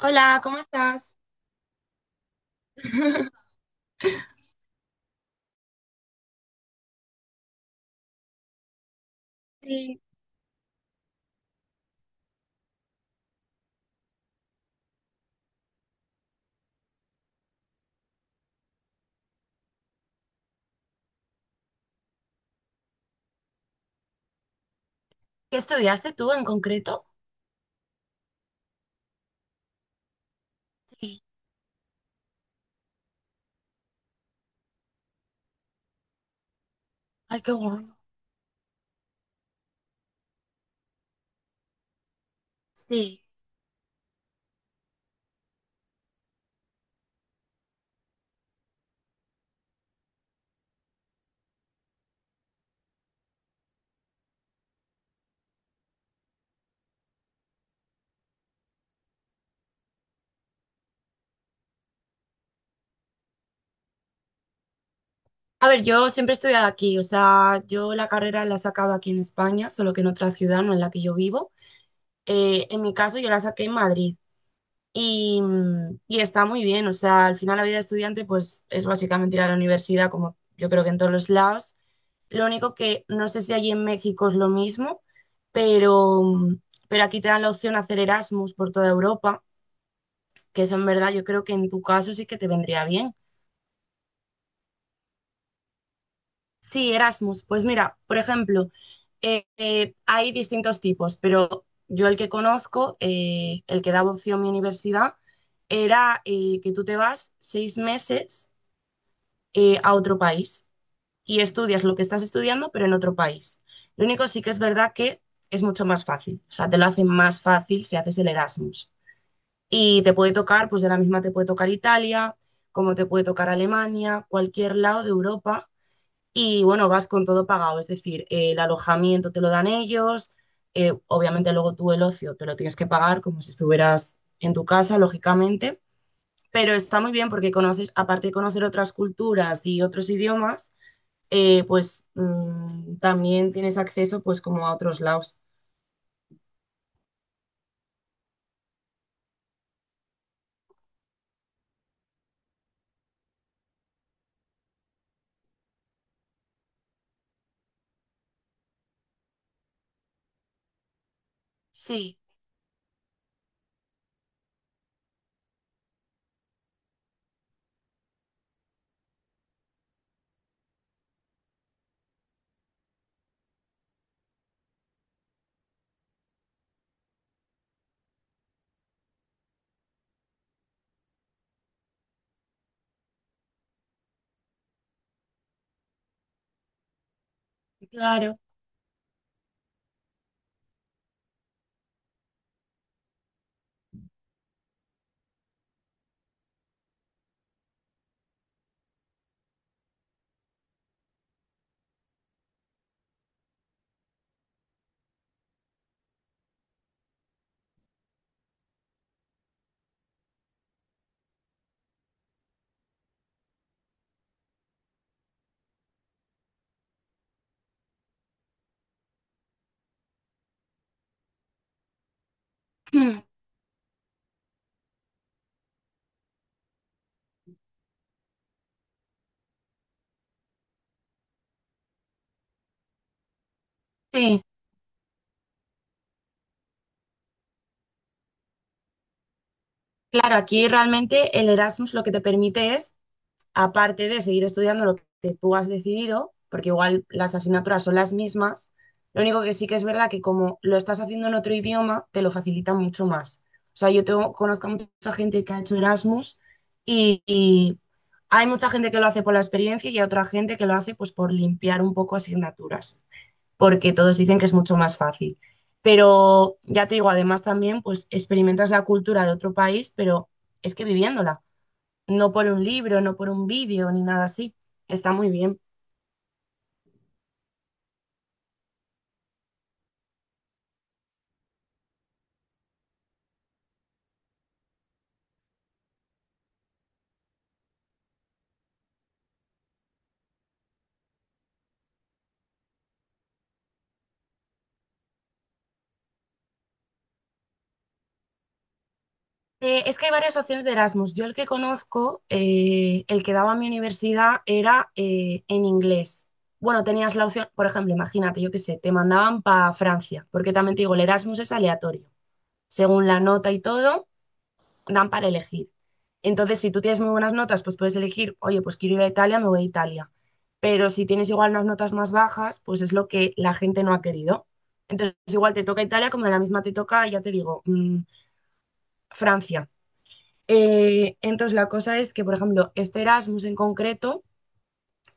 Hola, ¿cómo estás? Sí. ¿Qué estudiaste tú en concreto? Sí. Ay, qué guay. Sí. A ver, yo siempre he estudiado aquí, o sea, yo la carrera la he sacado aquí en España, solo que en otra ciudad, no en la que yo vivo. En mi caso, yo la saqué en Madrid y, y está muy bien, o sea, al final la vida de estudiante pues es básicamente ir a la universidad, como yo creo que en todos los lados. Lo único que no sé si allí en México es lo mismo, pero, pero aquí te dan la opción a hacer Erasmus por toda Europa. Que eso en verdad yo creo que en tu caso sí que te vendría bien. Sí, Erasmus, pues mira, por ejemplo, hay distintos tipos, pero yo el que conozco, el que daba opción mi universidad, era que tú te vas 6 meses a otro país y estudias lo que estás estudiando, pero en otro país. Lo único sí que es verdad que es mucho más fácil, o sea, te lo hacen más fácil si haces el Erasmus. Y te puede tocar, pues de la misma te puede tocar Italia, como te puede tocar Alemania, cualquier lado de Europa. Y bueno, vas con todo pagado, es decir, el alojamiento te lo dan ellos, obviamente luego tú el ocio te lo tienes que pagar como si estuvieras en tu casa, lógicamente, pero está muy bien porque conoces, aparte de conocer otras culturas y otros idiomas, también tienes acceso pues como a otros lados. Sí, claro. Sí. Claro, aquí realmente el Erasmus lo que te permite es, aparte de seguir estudiando lo que tú has decidido, porque igual las asignaturas son las mismas, lo único que sí que es verdad que como lo estás haciendo en otro idioma, te lo facilita mucho más. O sea, yo tengo, conozco a mucha gente que ha hecho Erasmus y, hay mucha gente que lo hace por la experiencia y hay otra gente que lo hace pues por limpiar un poco asignaturas porque todos dicen que es mucho más fácil. Pero ya te digo, además también, pues experimentas la cultura de otro país, pero es que viviéndola, no por un libro, no por un vídeo, ni nada así. Está muy bien. Es que hay varias opciones de Erasmus. Yo el que conozco, el que daba mi universidad, era en inglés. Bueno, tenías la opción, por ejemplo, imagínate, yo qué sé, te mandaban para Francia, porque también te digo, el Erasmus es aleatorio. Según la nota y todo, dan para elegir. Entonces, si tú tienes muy buenas notas, pues puedes elegir, oye, pues quiero ir a Italia, me voy a Italia. Pero si tienes igual unas notas más bajas, pues es lo que la gente no ha querido. Entonces, igual te toca Italia, como de la misma te toca, ya te digo, mm, Francia. Entonces, la cosa es que, por ejemplo, este Erasmus en concreto,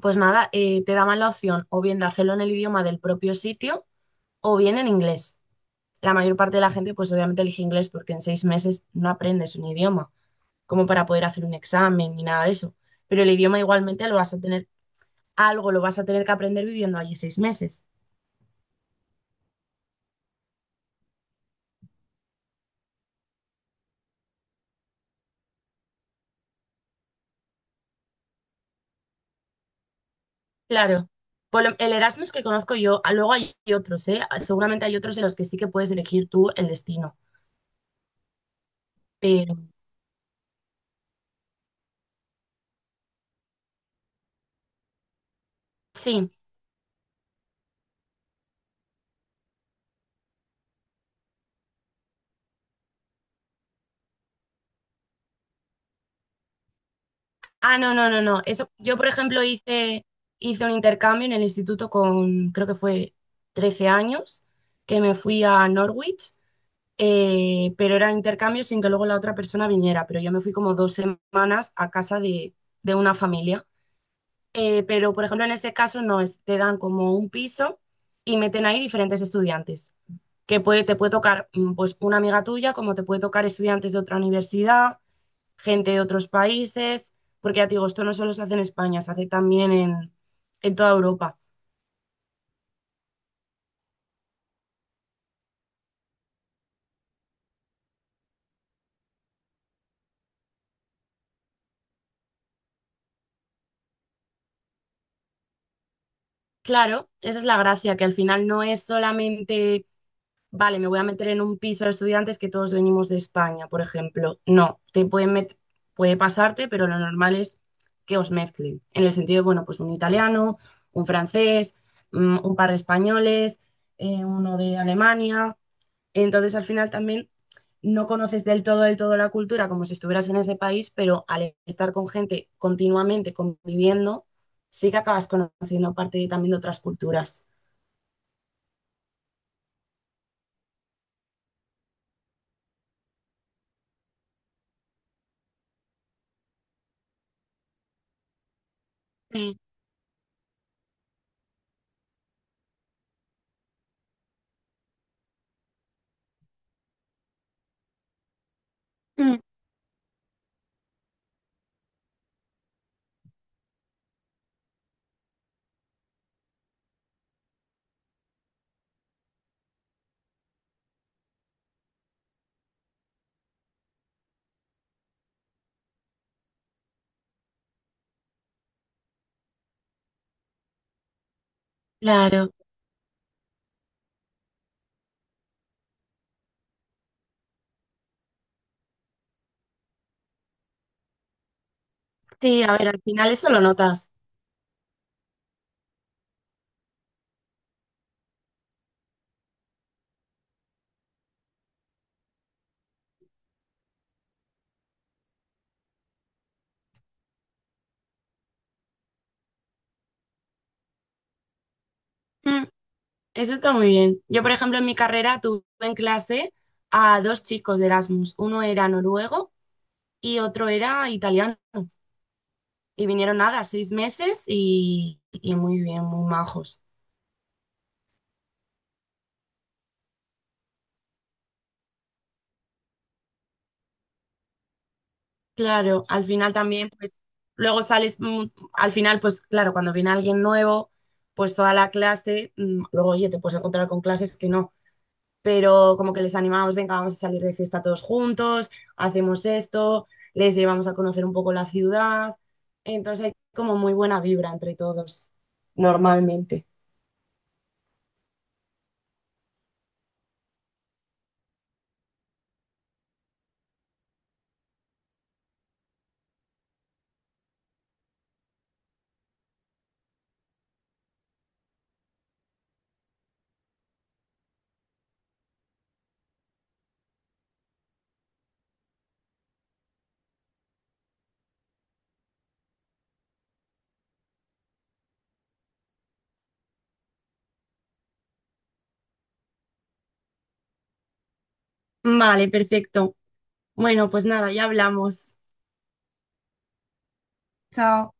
pues nada, te daban la opción o bien de hacerlo en el idioma del propio sitio o bien en inglés. La mayor parte de la gente, pues obviamente elige inglés porque en 6 meses no aprendes un idioma como para poder hacer un examen ni nada de eso. Pero el idioma igualmente lo vas a tener, algo lo vas a tener que aprender viviendo allí 6 meses. Claro, el Erasmus que conozco yo, ah, luego hay otros, ¿eh? Ah, seguramente hay otros en los que sí que puedes elegir tú el destino. Pero sí. Ah, no, no, no, no. Eso, yo, por ejemplo, hice un intercambio en el instituto con, creo que fue 13 años, que me fui a Norwich, pero era intercambio sin que luego la otra persona viniera, pero yo me fui como 2 semanas a casa de una familia. Pero, por ejemplo, en este caso no, es, te dan como un piso y meten ahí diferentes estudiantes, que te puede tocar mm, pues una amiga tuya, como te puede tocar estudiantes de otra universidad, gente de otros países, porque ya te digo, esto no solo se hace en España, se hace también en toda Europa. Claro, esa es la gracia, que al final no es solamente vale, me voy a meter en un piso de estudiantes que todos venimos de España, por ejemplo. No, puede pasarte, pero lo normal es que os mezclen. En el sentido de, bueno, pues un italiano, un francés, mm, un par de españoles, uno de Alemania. Entonces, al final también no conoces del todo la cultura como si estuvieras en ese país, pero al estar con gente continuamente conviviendo, sí que acabas conociendo también de otras culturas. Sí. Mm. Claro. Sí, a ver, al final eso lo notas. Mm, eso está muy bien. Yo, por ejemplo, en mi carrera tuve en clase a dos chicos de Erasmus. Uno era noruego y otro era italiano. Y vinieron nada, 6 meses y muy bien, muy majos. Claro, al final también, pues, luego sales, mm, al final, pues, claro, cuando viene alguien nuevo, pues toda la clase, mm, luego, oye, te puedes encontrar con clases que no. Pero como que les animamos, venga, vamos a salir de fiesta todos juntos, hacemos esto, les llevamos a conocer un poco la ciudad, entonces hay como muy buena vibra entre todos, normalmente. Vale, perfecto. Bueno, pues nada, ya hablamos. Chao.